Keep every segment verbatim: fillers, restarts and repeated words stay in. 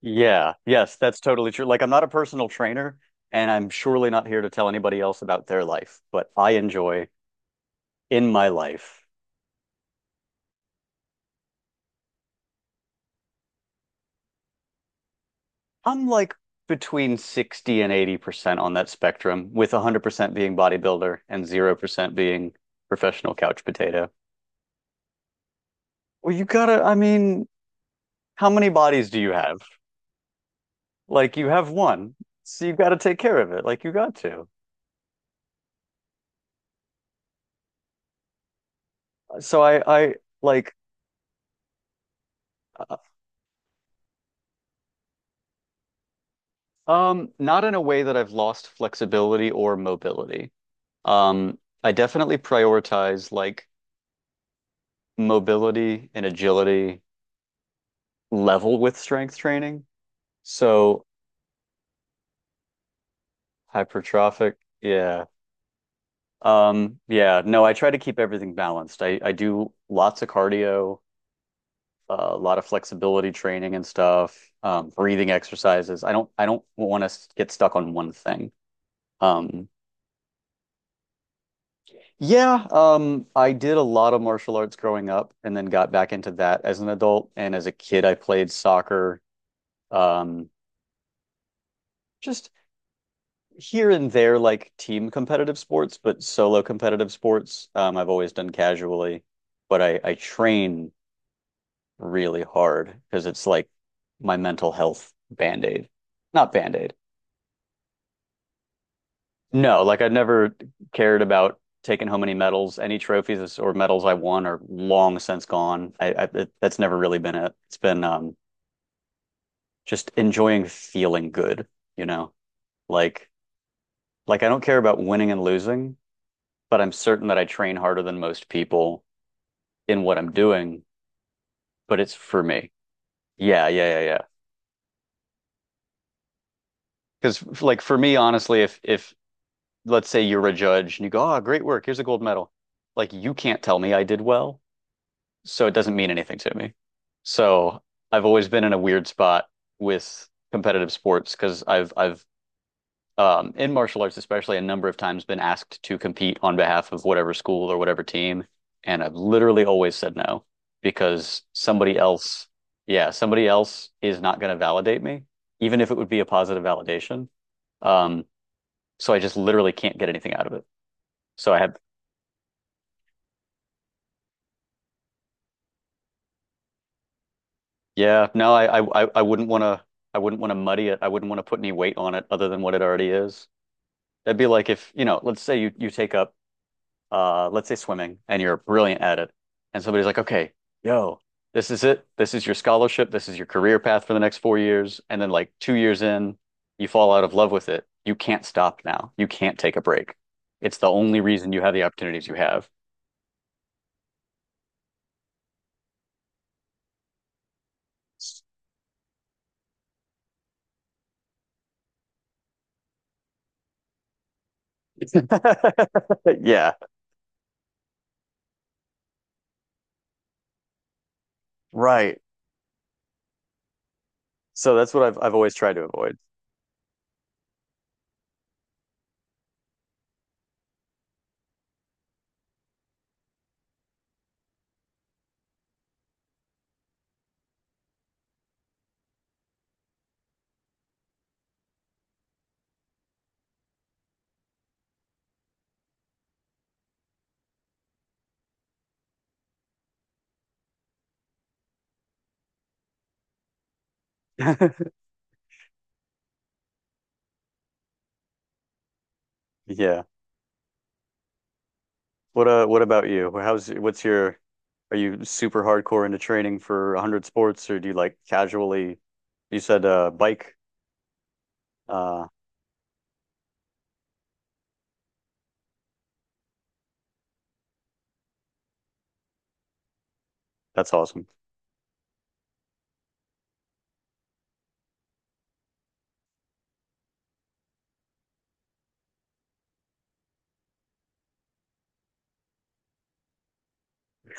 Yeah, yes, that's totally true. Like, I'm not a personal trainer, and I'm surely not here to tell anybody else about their life, but I enjoy in my life, I'm like between sixty and eighty percent on that spectrum, with one hundred percent being bodybuilder and zero percent being professional couch potato. Well, you gotta, I mean, how many bodies do you have? Like, you have one, so you gotta take care of it. Like, you got to. So, I, I like, Um, not in a way that I've lost flexibility or mobility. Um, I definitely prioritize like mobility and agility level with strength training. So hypertrophic, yeah. Um, yeah, no, I try to keep everything balanced. I, I do lots of cardio, uh, a lot of flexibility training and stuff, um, breathing exercises. I don't I don't want to get stuck on one thing. Um, Yeah, um, I did a lot of martial arts growing up and then got back into that as an adult. And as a kid, I played soccer, um, just here and there, like team competitive sports, but solo competitive sports, um, I've always done casually. But I, I train really hard because it's like my mental health band-aid. Not band-aid. No, like I've never cared about taking home any medals. Any trophies or medals I won are long since gone. I, I it, that's never really been it. It's been um just enjoying feeling good, you know. Like like I don't care about winning and losing, but I'm certain that I train harder than most people in what I'm doing, but it's for me. Yeah, yeah, yeah, yeah. Because like for me, honestly, if if let's say you're a judge and you go, "Oh, great work. Here's a gold medal." Like you can't tell me I did well, so it doesn't mean anything to me. So I've always been in a weird spot with competitive sports because I've I've um, in martial arts especially a number of times been asked to compete on behalf of whatever school or whatever team, and I've literally always said no because somebody else, yeah, somebody else is not going to validate me, even if it would be a positive validation. Um, so I just literally can't get anything out of it. So I have. Yeah, no, I, I, I I wouldn't want to, I wouldn't want to muddy it. I wouldn't want to put any weight on it other than what it already is. That'd be like if, you know, let's say you, you take up, uh, let's say swimming and you're brilliant at it. And somebody's like, okay, yo, this is it. This is your scholarship. This is your career path for the next four years. And then like two years in, you fall out of love with it. You can't stop now. You can't take a break. It's the only reason you have the opportunities you have. Yeah, right. So that's what I've, I've always tried to avoid. Yeah. What uh, what about you? How's what's your are you super hardcore into training for one hundred sports or do you like casually you said uh bike uh that's awesome.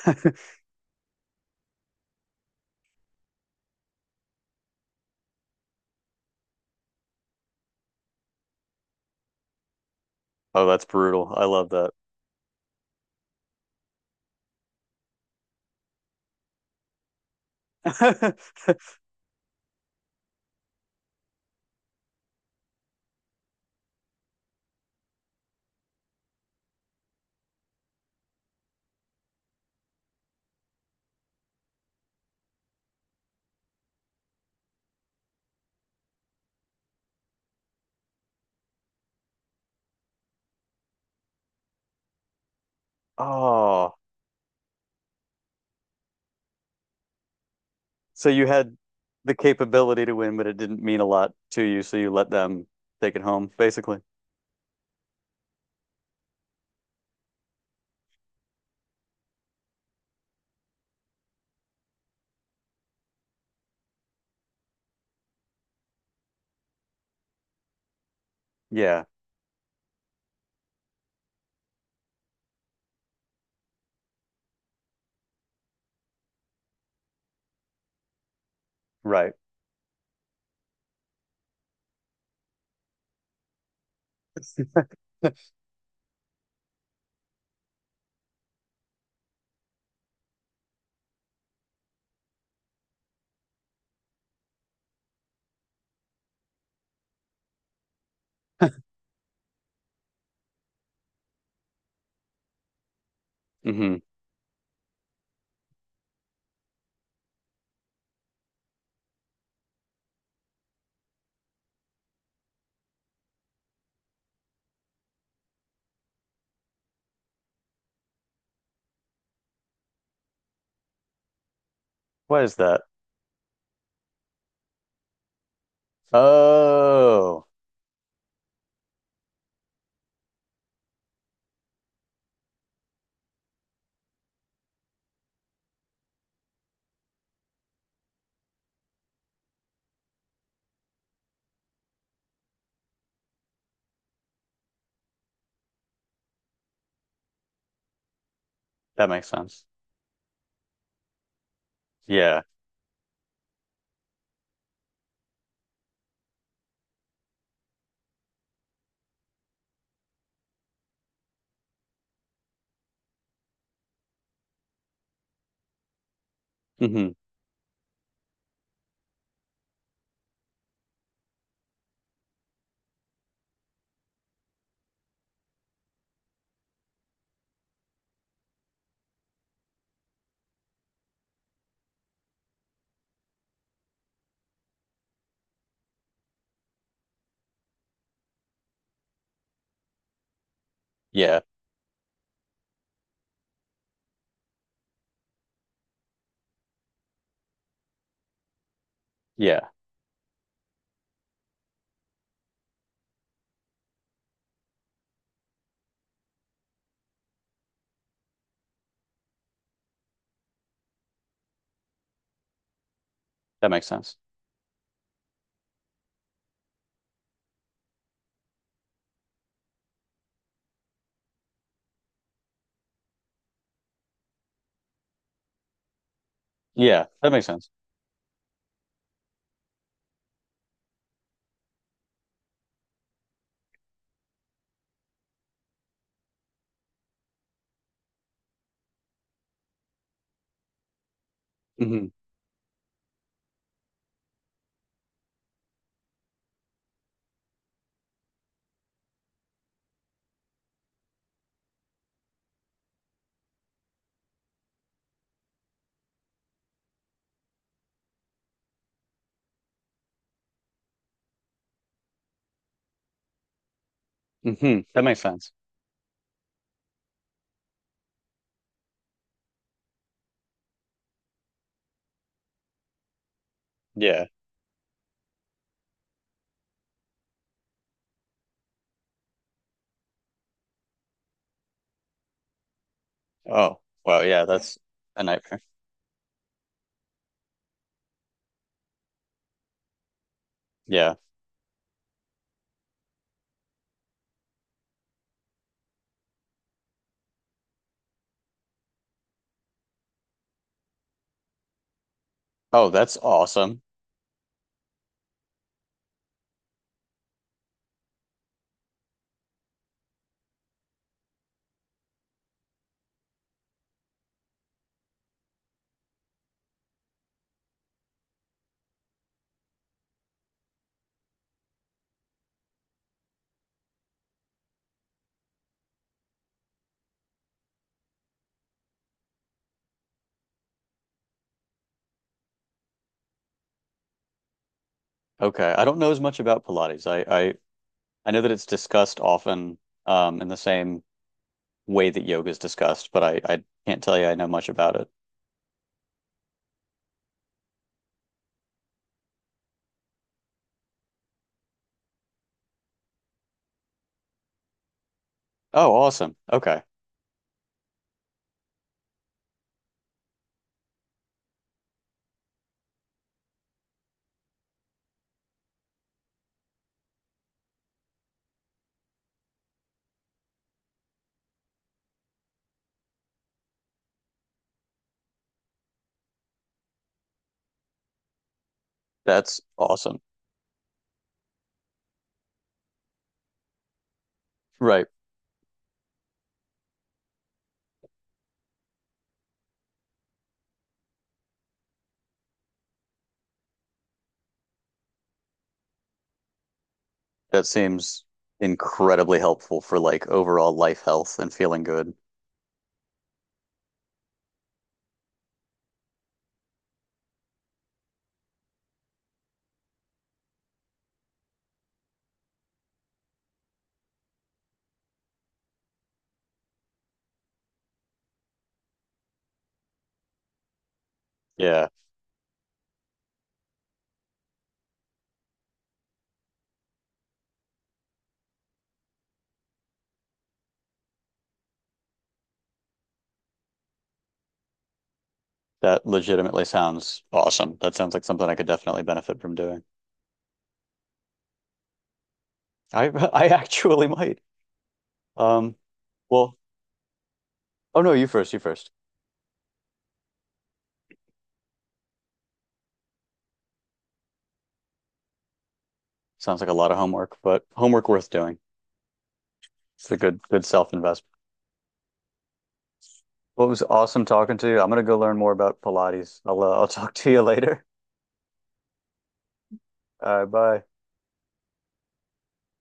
Oh, that's brutal. I love that. Oh, so you had the capability to win, but it didn't mean a lot to you, so you let them take it home, basically. Yeah, right. Mm-hmm. What is that? Oh, that makes sense. Yeah. Mm-hmm. Yeah. Yeah. That makes sense. Yeah, that makes sense. Hmm. Hmm. That makes sense. Yeah. Oh, wow. Yeah, that's a nightmare. Yeah. Oh, that's awesome. Okay. I don't know as much about Pilates. I I, I know that it's discussed often um in the same way that yoga is discussed, but I I can't tell you I know much about it. Oh, awesome. Okay. That's awesome. Right. That seems incredibly helpful for like overall life health and feeling good. Yeah. That legitimately sounds awesome. That sounds like something I could definitely benefit from doing. I I actually might. Um, well, oh no, you first, you first. Sounds like a lot of homework, but homework worth doing. It's a good good self-investment. Well, it was awesome talking to you. I'm gonna go learn more about Pilates. I'll uh, I'll talk to you later. All right, bye.